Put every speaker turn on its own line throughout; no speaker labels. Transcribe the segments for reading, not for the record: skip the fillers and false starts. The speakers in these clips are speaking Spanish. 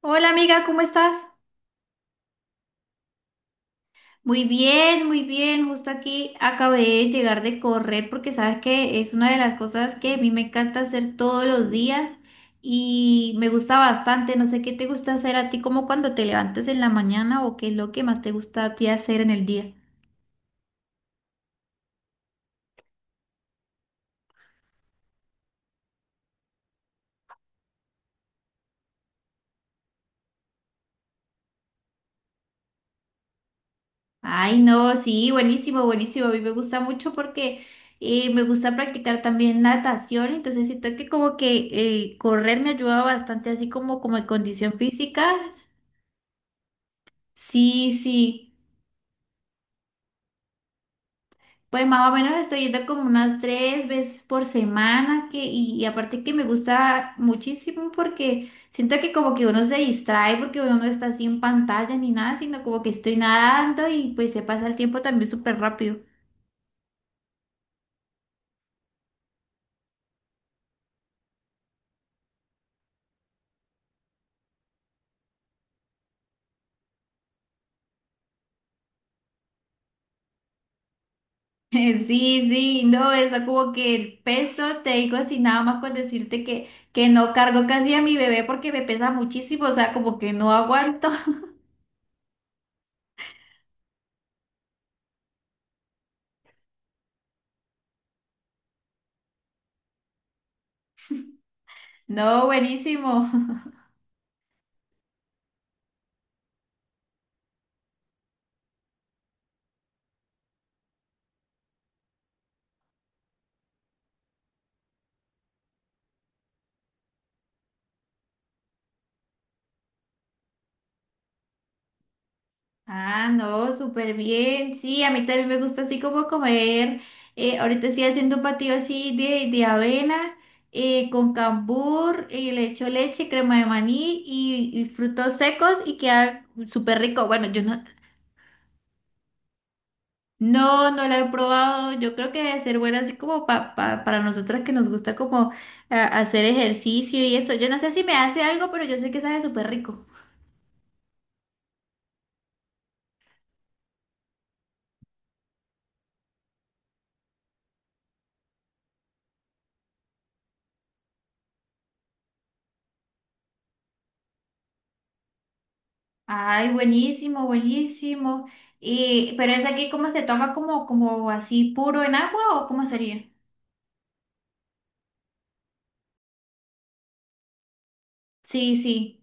Hola amiga, ¿cómo estás? Muy bien, muy bien. Justo aquí acabé de llegar de correr porque sabes que es una de las cosas que a mí me encanta hacer todos los días y me gusta bastante. No sé qué te gusta hacer a ti como cuando te levantas en la mañana o qué es lo que más te gusta a ti hacer en el día. Ay, no, sí, buenísimo, buenísimo. A mí me gusta mucho porque me gusta practicar también natación, entonces siento que como que correr me ayuda bastante así como en condición física. Sí, sí. Pues más o menos estoy yendo como unas 3 veces por semana y aparte que me gusta muchísimo porque siento que como que uno se distrae porque uno no está así en pantalla ni nada, sino como que estoy nadando y pues se pasa el tiempo también súper rápido. Sí, sí, no, eso como que el peso, te digo así nada más con decirte que no cargo casi a mi bebé porque me pesa muchísimo, o sea, como que no aguanto. No, buenísimo. Ah, no, súper bien. Sí, a mí también me gusta así como comer. Ahorita estoy haciendo un batido así de avena con cambur, le echo leche, crema de maní y frutos secos y queda súper rico. Bueno, yo no, no, no la he probado. Yo creo que debe ser buena así como para nosotras que nos gusta como hacer ejercicio y eso. Yo no sé si me hace algo, pero yo sé que sabe súper rico. Ay, buenísimo, buenísimo. Y, pero es aquí ¿cómo se toma como, como así puro en agua o cómo sería? Sí, sí.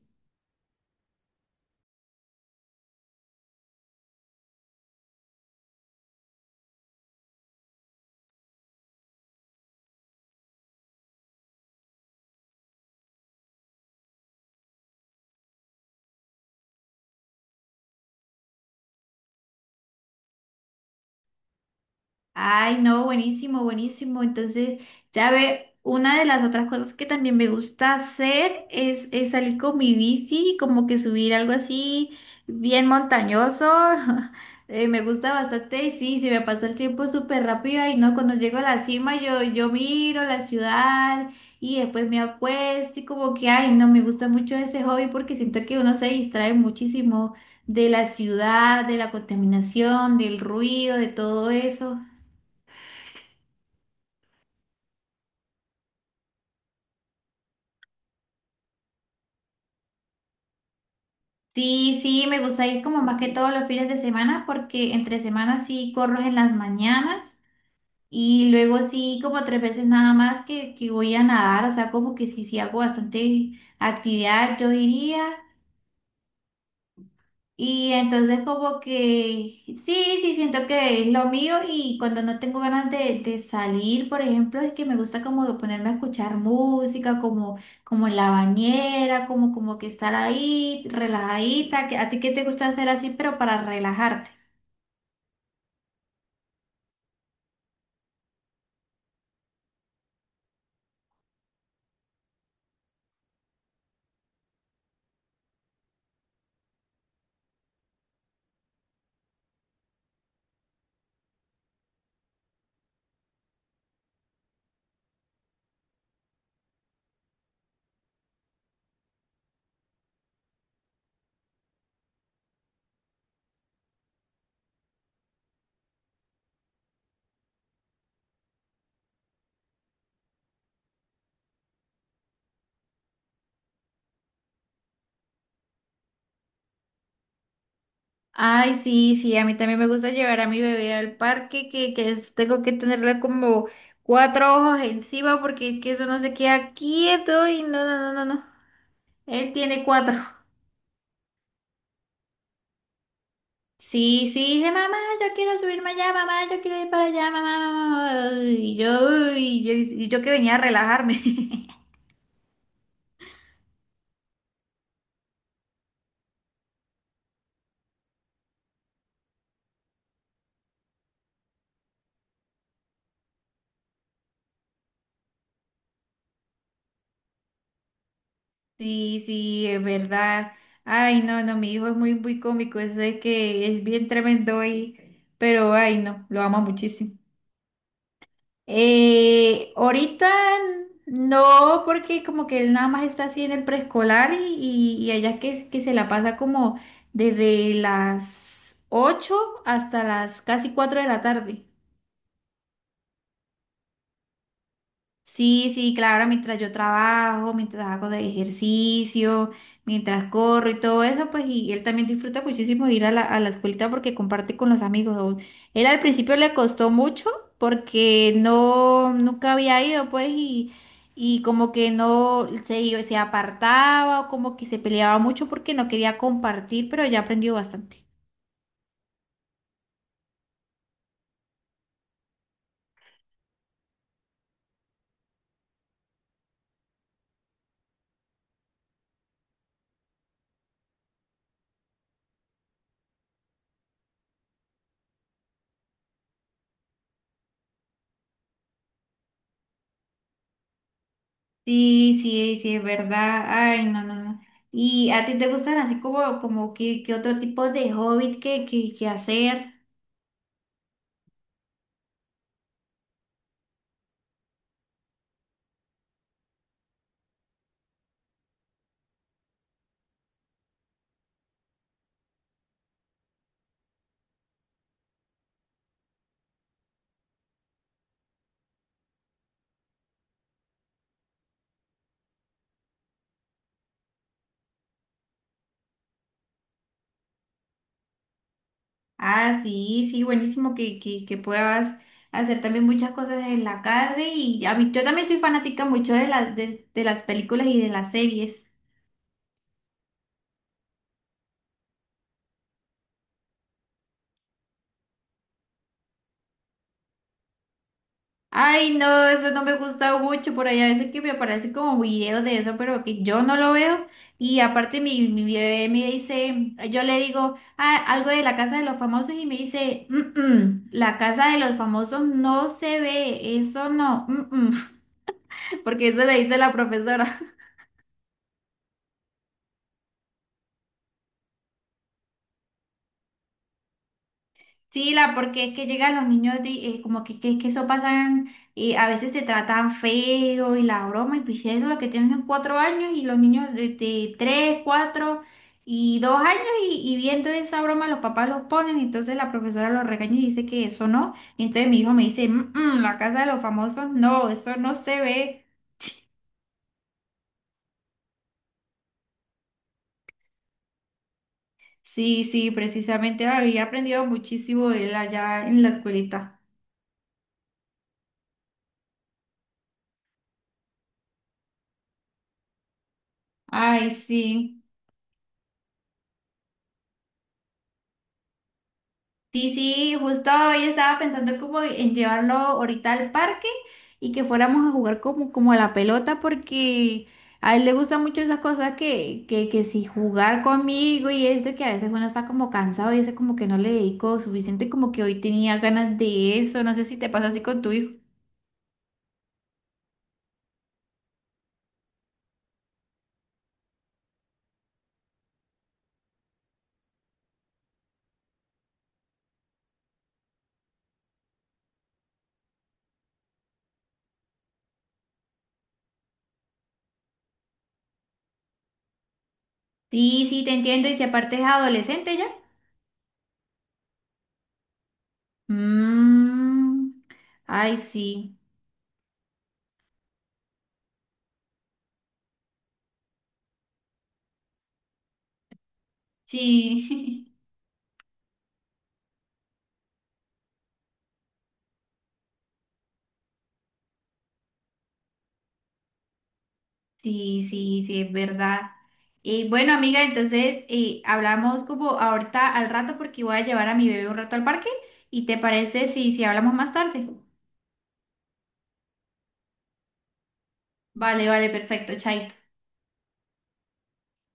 Ay, no, buenísimo, buenísimo. Entonces, ya ve, una de las otras cosas que también me gusta hacer es salir con mi bici, como que subir algo así bien montañoso. Me gusta bastante y sí, se me pasa el tiempo súper rápido y no, cuando llego a la cima yo miro la ciudad y después me acuesto y como que, ay, no, me gusta mucho ese hobby porque siento que uno se distrae muchísimo de la ciudad, de la contaminación, del ruido, de todo eso. Sí, sí, me gusta ir como más que todos los fines de semana porque entre semanas sí corro en las mañanas y luego sí como 3 veces nada más que voy a nadar, o sea, como que sí, sí hago bastante actividad, yo diría. Y entonces como que sí, sí, siento que es lo mío y cuando no tengo ganas de salir, por ejemplo, es que me gusta como ponerme a escuchar música, como, como en la bañera, como, como que estar ahí relajadita. ¿A ti qué te gusta hacer así, pero para relajarte? Ay, sí, sí, a mí también me gusta llevar a mi bebé al parque, que tengo que tenerle como cuatro ojos encima porque es que eso no se queda quieto y no, no, no, no, no. Él tiene 4. Sí, sí, dije, "Mamá, yo quiero subirme allá, mamá, yo quiero ir para allá, mamá, mamá, mamá". Y yo que venía a relajarme. Sí, sí, es verdad. Ay, no, no, mi hijo es muy, muy cómico, es de que es bien tremendo y, pero ay, no, lo amo muchísimo. Ahorita no, porque como que él nada más está así en el preescolar y allá que se la pasa como desde las 8 hasta las casi 4 de la tarde. Sí, sí, claro, mientras yo trabajo, mientras hago de ejercicio, mientras corro y todo eso, pues y él también disfruta muchísimo ir a la escuelita porque comparte con los amigos. Él al principio le costó mucho porque no, nunca había ido, pues, y como que no se, iba- se apartaba o como que se peleaba mucho porque no quería compartir, pero ya aprendió bastante. Sí, sí, sí, es verdad. Ay, no, no, no. ¿Y a ti te gustan así como, como que, otro tipo de hobby que hacer? Ah, sí, sí, buenísimo que puedas hacer también muchas cosas en la casa y a mí, yo también soy fanática mucho de las películas y de las series. Ay, no, eso no me gusta mucho. Por ahí a veces que me aparece como video de eso, pero que yo no lo veo. Y aparte mi bebé me dice, yo le digo, "Ah, algo de la casa de los famosos", y me dice, "Mm, mm, la casa de los famosos no se ve, eso no, mm, mm", porque eso le dice la profesora. Sí, la, porque es que llegan los niños de, como que eso pasan, a veces se tratan feo y la broma, y pues es lo que tienen 4 años y los niños de 3, 4 y 2 años y viendo esa broma los papás los ponen, entonces la profesora los regaña y dice que eso no, y entonces mi hijo me dice, "Mm, mm, la casa de los famosos, no, eso no se ve". Sí, sí, precisamente había aprendido muchísimo de él allá en la escuelita. Ay, sí. Sí, sí, justo hoy estaba pensando como en llevarlo ahorita al parque y que fuéramos a jugar como, como a la pelota porque a él le gustan mucho esas cosas que si jugar conmigo y esto que a veces uno está como cansado y eso como que no le dedico suficiente como que hoy tenía ganas de eso, no sé si te pasa así con tu hijo. Sí, sí, te entiendo y si aparte es adolescente ya. Mm, ay, sí. Sí. Sí, sí, sí, es verdad. Y bueno, amiga, entonces hablamos como ahorita al rato porque voy a llevar a mi bebé un rato al parque. ¿Y te parece si hablamos más tarde? Vale, vale, perfecto, chaito.